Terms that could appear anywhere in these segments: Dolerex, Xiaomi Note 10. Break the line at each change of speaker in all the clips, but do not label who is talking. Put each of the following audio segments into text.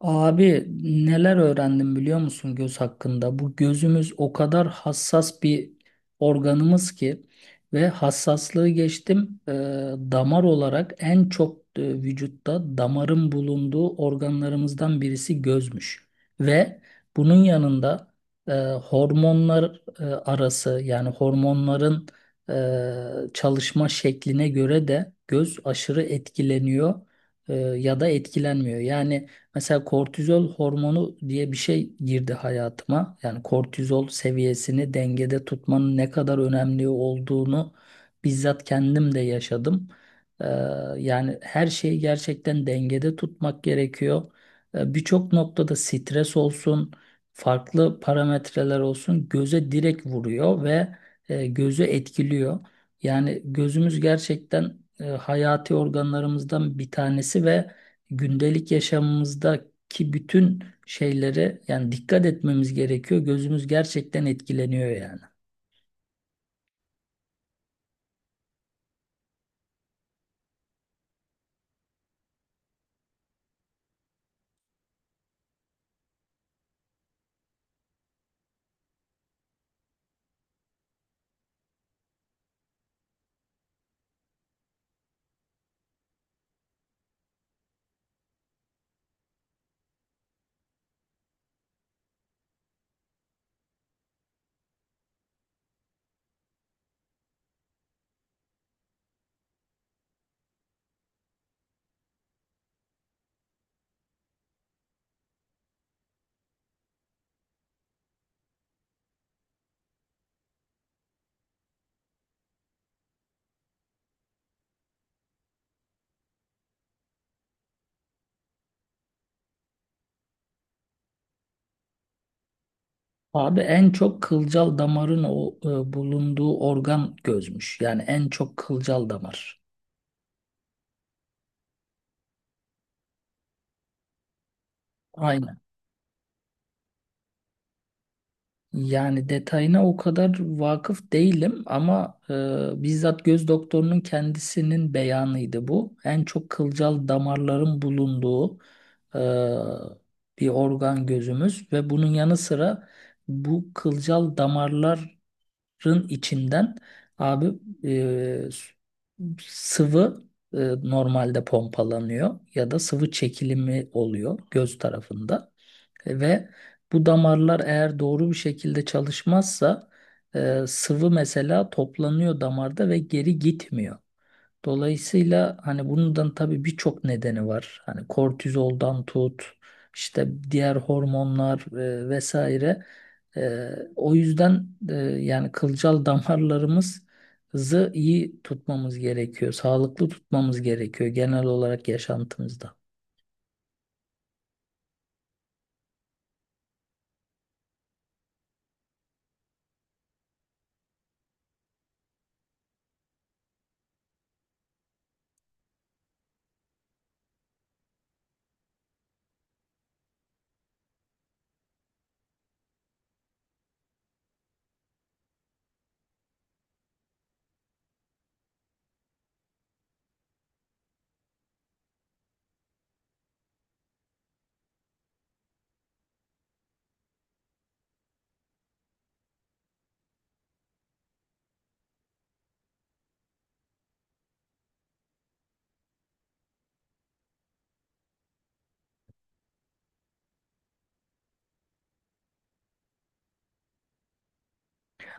Abi, neler öğrendim biliyor musun göz hakkında? Bu gözümüz o kadar hassas bir organımız ki ve hassaslığı geçtim, damar olarak en çok vücutta damarın bulunduğu organlarımızdan birisi gözmüş. Ve bunun yanında hormonlar, arası yani hormonların çalışma şekline göre de göz aşırı etkileniyor ya da etkilenmiyor. Yani, mesela kortizol hormonu diye bir şey girdi hayatıma. Yani kortizol seviyesini dengede tutmanın ne kadar önemli olduğunu bizzat kendim de yaşadım. Ee, Yani her şeyi gerçekten dengede tutmak gerekiyor. Birçok noktada stres olsun, farklı parametreler olsun göze direkt vuruyor ve gözü etkiliyor. Yani gözümüz gerçekten hayati organlarımızdan bir tanesi ve gündelik yaşamımızdaki bütün şeylere yani dikkat etmemiz gerekiyor. Gözümüz gerçekten etkileniyor yani. Abi, en çok kılcal damarın o bulunduğu organ gözmüş. Yani en çok kılcal damar. Aynen. Yani detayına o kadar vakıf değilim ama bizzat göz doktorunun kendisinin beyanıydı bu. En çok kılcal damarların bulunduğu bir organ gözümüz ve bunun yanı sıra bu kılcal damarların içinden abi, e, sıvı e, normalde pompalanıyor ya da sıvı çekilimi oluyor göz tarafında. Ve bu damarlar eğer doğru bir şekilde çalışmazsa sıvı mesela toplanıyor damarda ve geri gitmiyor. Dolayısıyla hani bundan tabii birçok nedeni var. Hani kortizoldan tut, işte diğer hormonlar vesaire. E, O yüzden yani kılcal damarlarımızı iyi tutmamız gerekiyor. Sağlıklı tutmamız gerekiyor genel olarak yaşantımızda.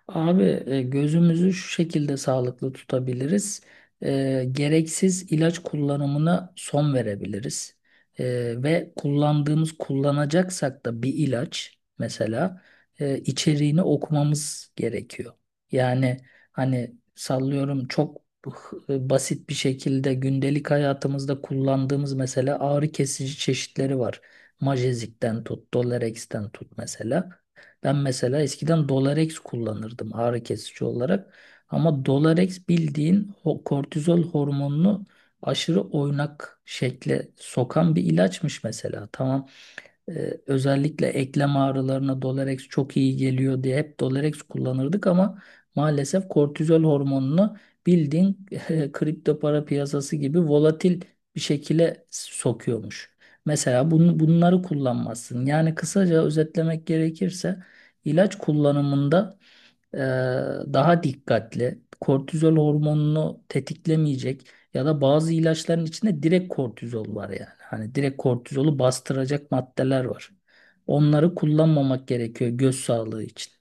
Abi, gözümüzü şu şekilde sağlıklı tutabiliriz. Gereksiz ilaç kullanımına son verebiliriz. Ve kullanacaksak da bir ilaç mesela içeriğini okumamız gerekiyor. Yani hani sallıyorum, çok basit bir şekilde gündelik hayatımızda kullandığımız mesela ağrı kesici çeşitleri var. Majezik'ten tut, Dolerex'ten tut mesela. Ben mesela eskiden Dolarex kullanırdım ağrı kesici olarak. Ama Dolarex bildiğin kortizol hormonunu aşırı oynak şekle sokan bir ilaçmış mesela. Tamam, özellikle eklem ağrılarına Dolerex çok iyi geliyor diye hep Dolerex kullanırdık ama maalesef kortizol hormonunu bildiğin kripto para piyasası gibi volatil bir şekilde sokuyormuş. Mesela bunları kullanmazsın. Yani kısaca özetlemek gerekirse ilaç kullanımında e, daha dikkatli, kortizol hormonunu tetiklemeyecek ya da bazı ilaçların içinde direkt kortizol var yani. Hani direkt kortizolu bastıracak maddeler var. Onları kullanmamak gerekiyor göz sağlığı için.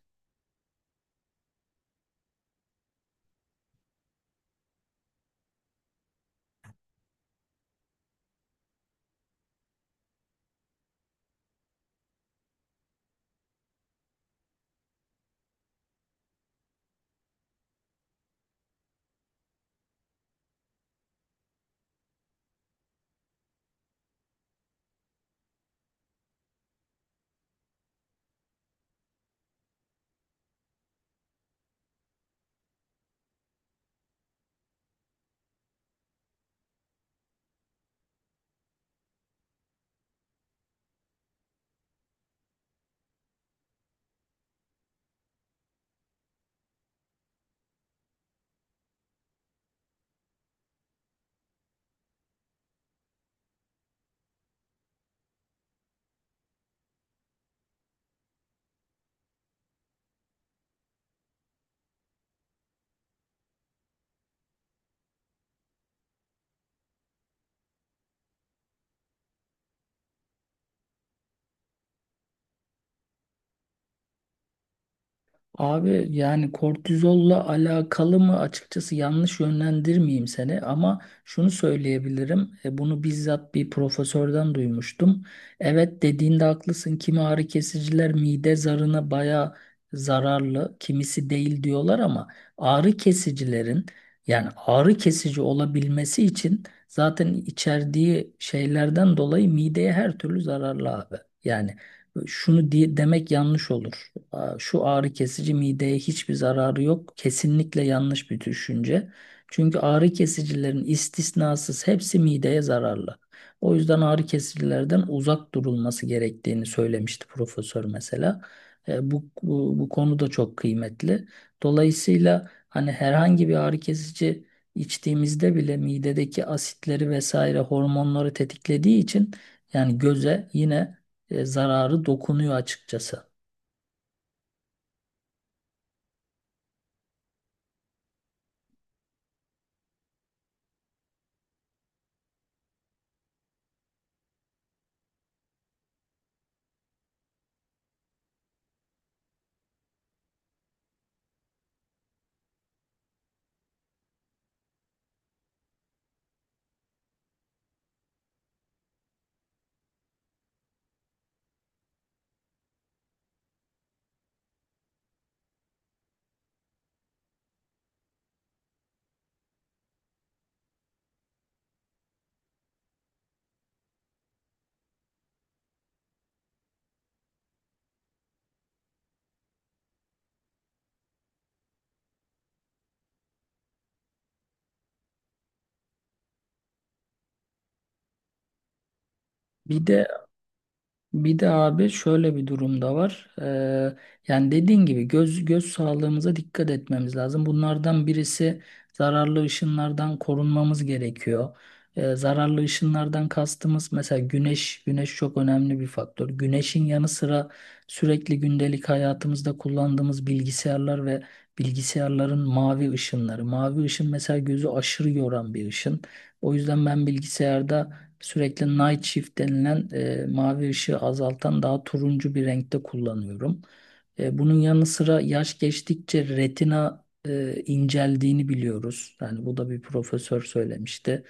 Abi yani kortizolla alakalı mı, açıkçası yanlış yönlendirmeyeyim seni, ama şunu söyleyebilirim. Bunu bizzat bir profesörden duymuştum. Evet, dediğinde haklısın. Kimi ağrı kesiciler mide zarına baya zararlı, kimisi değil diyorlar ama ağrı kesicilerin, yani ağrı kesici olabilmesi için zaten içerdiği şeylerden dolayı mideye her türlü zararlı abi. Yani şunu demek yanlış olur. Aa, şu ağrı kesici mideye hiçbir zararı yok. Kesinlikle yanlış bir düşünce. Çünkü ağrı kesicilerin istisnasız hepsi mideye zararlı. O yüzden ağrı kesicilerden uzak durulması gerektiğini söylemişti profesör mesela. Bu konu da çok kıymetli. Dolayısıyla hani herhangi bir ağrı kesici içtiğimizde bile midedeki asitleri vesaire hormonları tetiklediği için yani göze yine zararı dokunuyor açıkçası. Bir de bir de abi şöyle bir durum da var. Yani dediğin gibi göz sağlığımıza dikkat etmemiz lazım. Bunlardan birisi, zararlı ışınlardan korunmamız gerekiyor. Zararlı ışınlardan kastımız mesela güneş. Güneş çok önemli bir faktör. Güneşin yanı sıra sürekli gündelik hayatımızda kullandığımız bilgisayarlar ve bilgisayarların mavi ışınları. Mavi ışın mesela gözü aşırı yoran bir ışın. O yüzden ben bilgisayarda sürekli night shift denilen, mavi ışığı azaltan daha turuncu bir renkte kullanıyorum. Bunun yanı sıra yaş geçtikçe retina inceldiğini biliyoruz. Yani bu da bir profesör söylemişti.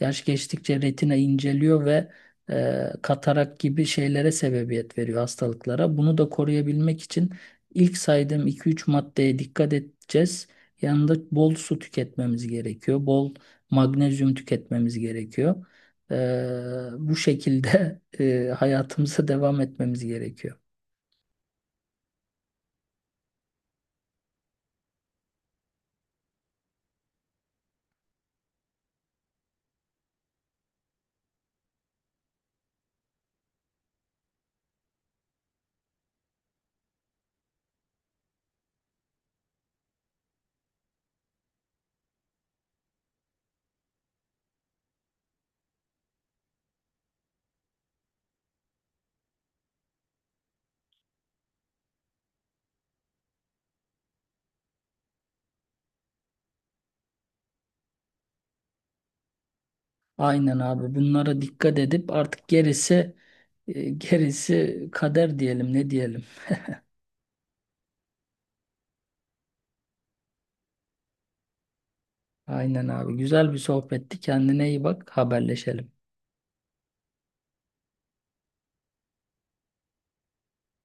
Yaş geçtikçe retina inceliyor ve katarak gibi şeylere, sebebiyet veriyor. Hastalıklara. Bunu da koruyabilmek için ilk saydığım 2-3 maddeye dikkat edeceğiz. Yanında bol su tüketmemiz gerekiyor. Bol magnezyum tüketmemiz gerekiyor. Bu şekilde hayatımıza devam etmemiz gerekiyor. Aynen abi, bunlara dikkat edip artık gerisi, gerisi kader diyelim, ne diyelim. Aynen abi, güzel bir sohbetti, kendine iyi bak, haberleşelim.